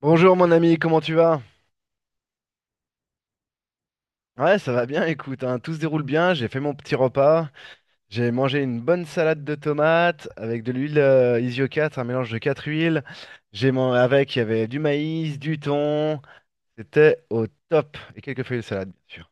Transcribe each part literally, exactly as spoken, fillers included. Bonjour mon ami, comment tu vas? Ouais, ça va bien, écoute, hein, tout se déroule bien, j'ai fait mon petit repas, j'ai mangé une bonne salade de tomates avec de l'huile euh, Isio 4, un mélange de quatre huiles, j'ai man- avec, il y avait du maïs, du thon, c'était au top, et quelques feuilles de salade, bien sûr.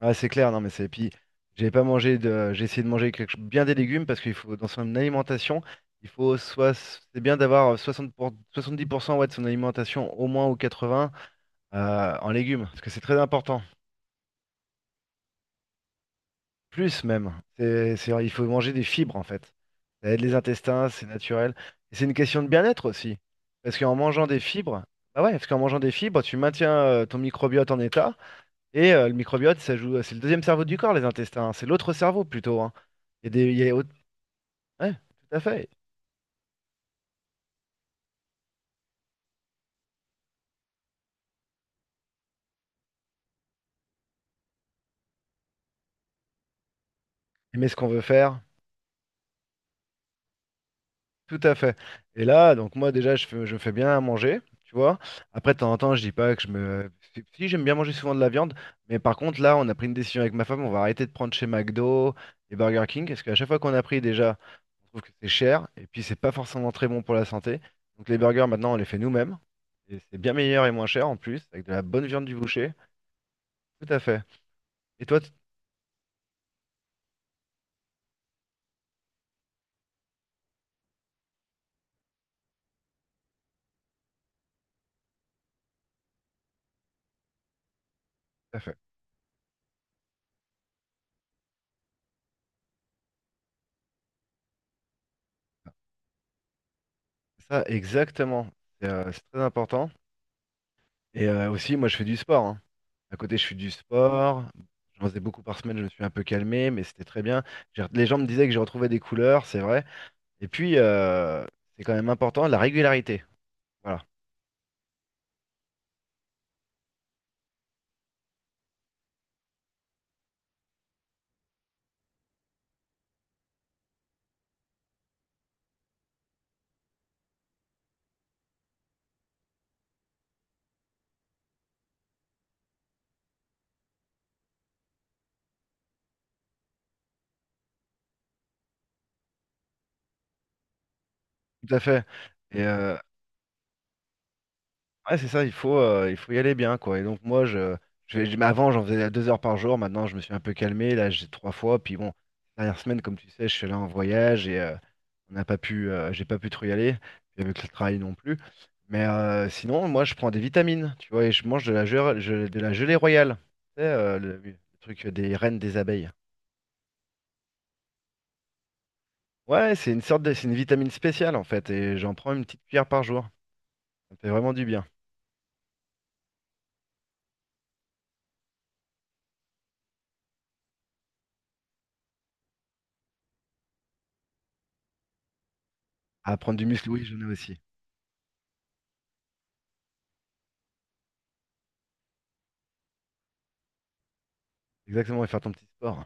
Ah, c'est clair, non mais c'est... et Puis, j'ai pas mangé de... J'ai essayé de manger quelque... cho- bien des légumes, parce qu'il faut, dans son alimentation, il faut soit... c'est bien d'avoir euh, soixante pour- soixante-dix pour cent ouais, de son alimentation, au moins ou quatre-vingts, euh, en légumes, parce que c'est très important. Plus même. C'est, c'est- il faut manger des fibres en fait. Ça aide les intestins, c'est naturel. Et c'est une question de bien-être aussi. Parce qu'en mangeant des fibres, bah ouais, parce qu'en mangeant des fibres, tu maintiens euh, ton microbiote en état. Et euh, le microbiote, ça joue, c'est le deuxième cerveau du corps, les intestins, hein. C'est l'autre cerveau plutôt, hein. Il y a des, il y a autre- Ouais, tout à fait. Mais ce qu'on veut faire. Tout à fait. Et là, donc moi déjà, je fais, je fais bien à manger, tu vois. Après, de temps en temps, je dis pas que je me... Si, si, j'aime bien manger souvent de la viande, mais par contre, là, on a pris une décision avec ma femme, on va arrêter de prendre chez McDo et Burger King, parce qu'à chaque fois qu'on a pris, déjà, on trouve que c'est cher, et puis c'est pas forcément très bon pour la santé. Donc les burgers, maintenant, on les fait nous-mêmes, et c'est bien meilleur et moins cher en plus, avec de la bonne viande du boucher. Tout à fait. Et toi, tout à fait. Ça, exactement. C'est euh, c'est très important. Et euh, aussi, moi, je fais du sport, hein. À côté, je fais du sport. J'en faisais beaucoup par semaine, je me suis un peu calmé, mais c'était très bien. J'ai- Les gens me disaient que j'ai retrouvé des couleurs, c'est vrai. Et puis, euh, c'est quand même important, la régularité. Voilà, tout à fait. Et euh, ouais, c'est ça, il faut, euh, il faut y aller bien, quoi. Et donc moi, je, je vais, je- mais avant, j'en faisais deux heures par jour. Maintenant, je me suis un peu calmé. Là, j'ai trois fois. Puis bon, dernière semaine, comme tu sais, je suis allé en voyage et euh, on n'a pas pu, euh, j'ai pas pu trop y aller. Puis avec le travail non plus. Mais euh, sinon, moi, je prends des vitamines, tu vois, et je mange de la, gel- gel- de la gelée royale. Tu sais, euh, le, le truc des reines des abeilles. Ouais, c'est une sorte de, c'est une vitamine spéciale en fait, et j'en prends une petite cuillère par jour. Ça me fait vraiment du bien. À prendre du muscle, oui, j'en ai aussi. Exactement, et faire ton petit sport.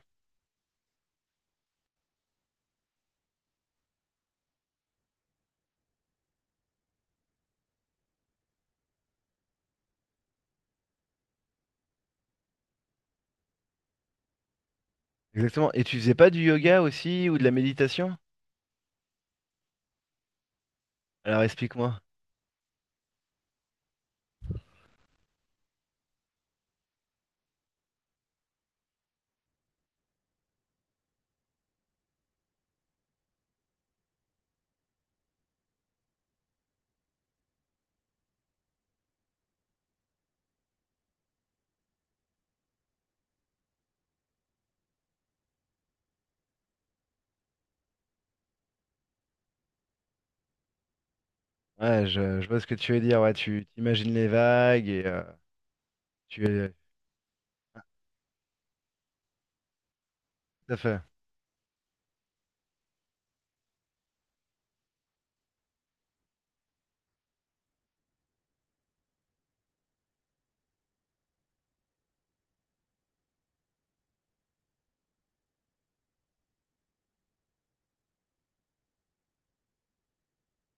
Exactement. Et tu faisais pas du yoga aussi ou de la méditation? Alors explique-moi. Ouais, je, je vois ce que tu veux dire. Ouais, tu t'imagines les vagues et euh, tu es tout à fait.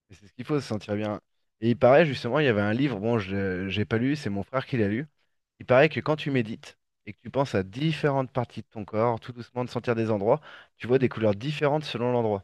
Et c'est ce qu'il faut, se sentir bien. Et il paraît justement, il y avait un livre, bon, je j'ai pas lu, c'est mon frère qui l'a lu. Il paraît que quand tu médites et que tu penses à différentes parties de ton corps, tout doucement de sentir des endroits, tu vois des couleurs différentes selon l'endroit.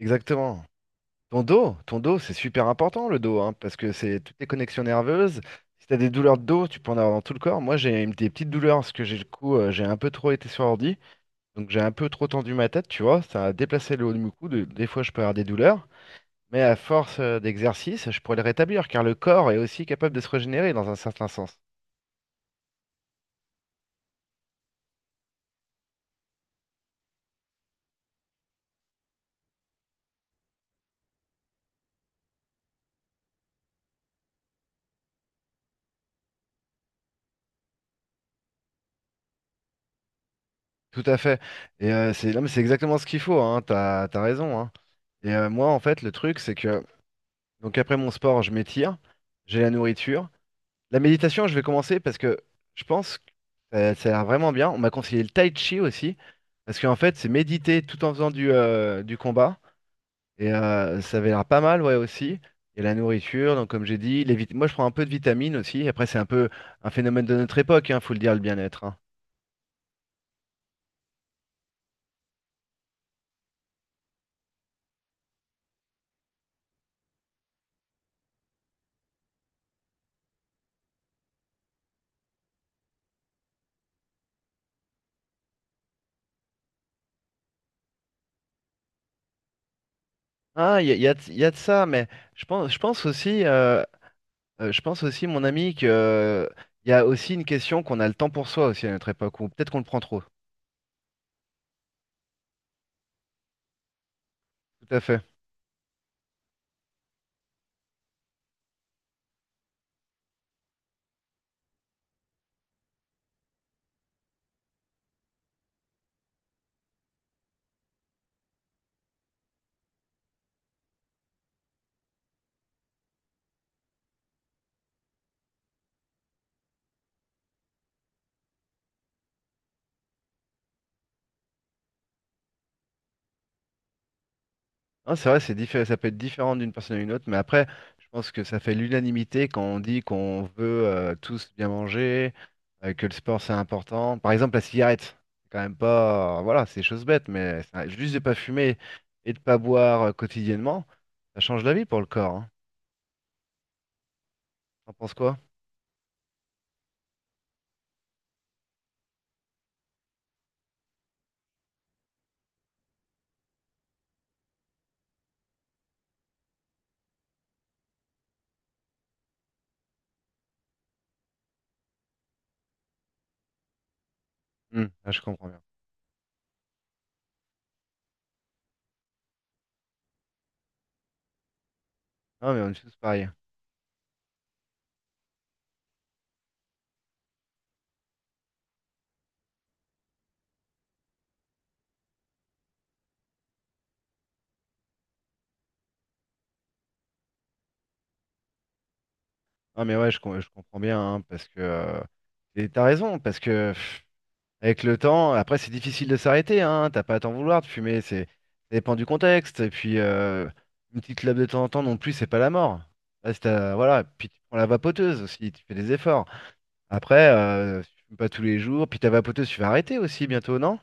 Exactement. Ton dos, ton dos, c'est super important le dos, hein, parce que c'est toutes tes connexions nerveuses. Si t'as des douleurs de dos, tu peux en avoir dans tout le corps. Moi, j'ai une- des petites douleurs parce que j'ai le cou, euh, j'ai un peu trop été sur ordi, donc j'ai un peu trop tendu ma tête, tu vois. Ça a déplacé le haut de mon cou. De- des fois, je peux avoir des douleurs, mais à force euh, d'exercice, je pourrais le rétablir, car le corps est aussi capable de se régénérer dans un certain sens. Tout à fait. Et euh, c'est, non, mais c'est exactement ce qu'il faut, hein, t'as, t'as raison, hein. Et euh, moi, en fait, le truc, c'est que donc après mon sport, je m'étire, j'ai la nourriture. La méditation, je vais commencer parce que je pense que euh, ça a l'air vraiment bien. On m'a conseillé le tai chi aussi, parce qu'en fait, c'est méditer tout en faisant du, euh, du combat. Et euh, ça avait l'air pas mal, ouais, aussi. Et la nourriture, donc comme j'ai dit, les vit- moi je prends un peu de vitamines aussi. Après, c'est un peu un phénomène de notre époque, hein, faut le dire, le bien-être, hein. Ah, il y a, y a de y a de ça, mais je pense, je pense aussi, euh, euh, je pense aussi, mon ami, que euh, il y a aussi une question qu'on a le temps pour soi aussi à notre époque, ou peut-être qu'on le prend trop. Tout à fait. Non, c'est vrai, c'est diffé- ça peut être différent d'une personne à une autre, mais après, je pense que ça fait l'unanimité quand on dit qu'on veut euh, tous bien manger, euh, que le sport c'est important. Par exemple, la cigarette, c'est quand même pas, voilà, c'est des choses bêtes, mais ça- juste de pas fumer et de pas boire euh, quotidiennement, ça change la vie pour le corps, hein. T'en penses quoi? Hmm, ah, je comprends bien. Non, mais on est tous pareils. Non, mais ouais, je, com- je comprends bien, hein, parce que tu t'as raison, parce que. Avec le temps, après, c'est difficile de s'arrêter, hein. T'as pas à t'en vouloir de fumer, c'est ça dépend du contexte. Et puis, euh, une petite clope de temps en temps non plus, c'est pas la mort. Là, c'est, euh, voilà. Puis tu prends la vapoteuse aussi, tu fais des efforts. Après, euh, si tu fumes pas tous les jours. Puis ta vapoteuse, tu vas arrêter aussi bientôt, non?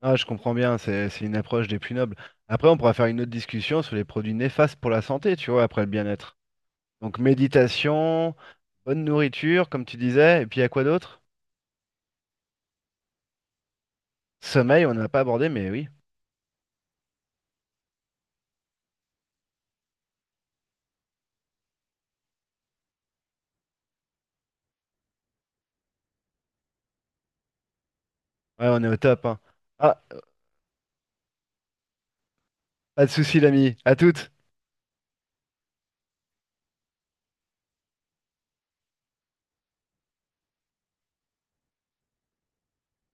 Ah, je comprends bien, c'est c'est une approche des plus nobles. Après, on pourra faire une autre discussion sur les produits néfastes pour la santé, tu vois, après le bien-être. Donc, méditation, bonne nourriture, comme tu disais, et puis à quoi d'autre? Sommeil, on n'a pas abordé, mais oui. Ouais, on est au top, hein. Ah, pas de souci, l'ami. À toutes.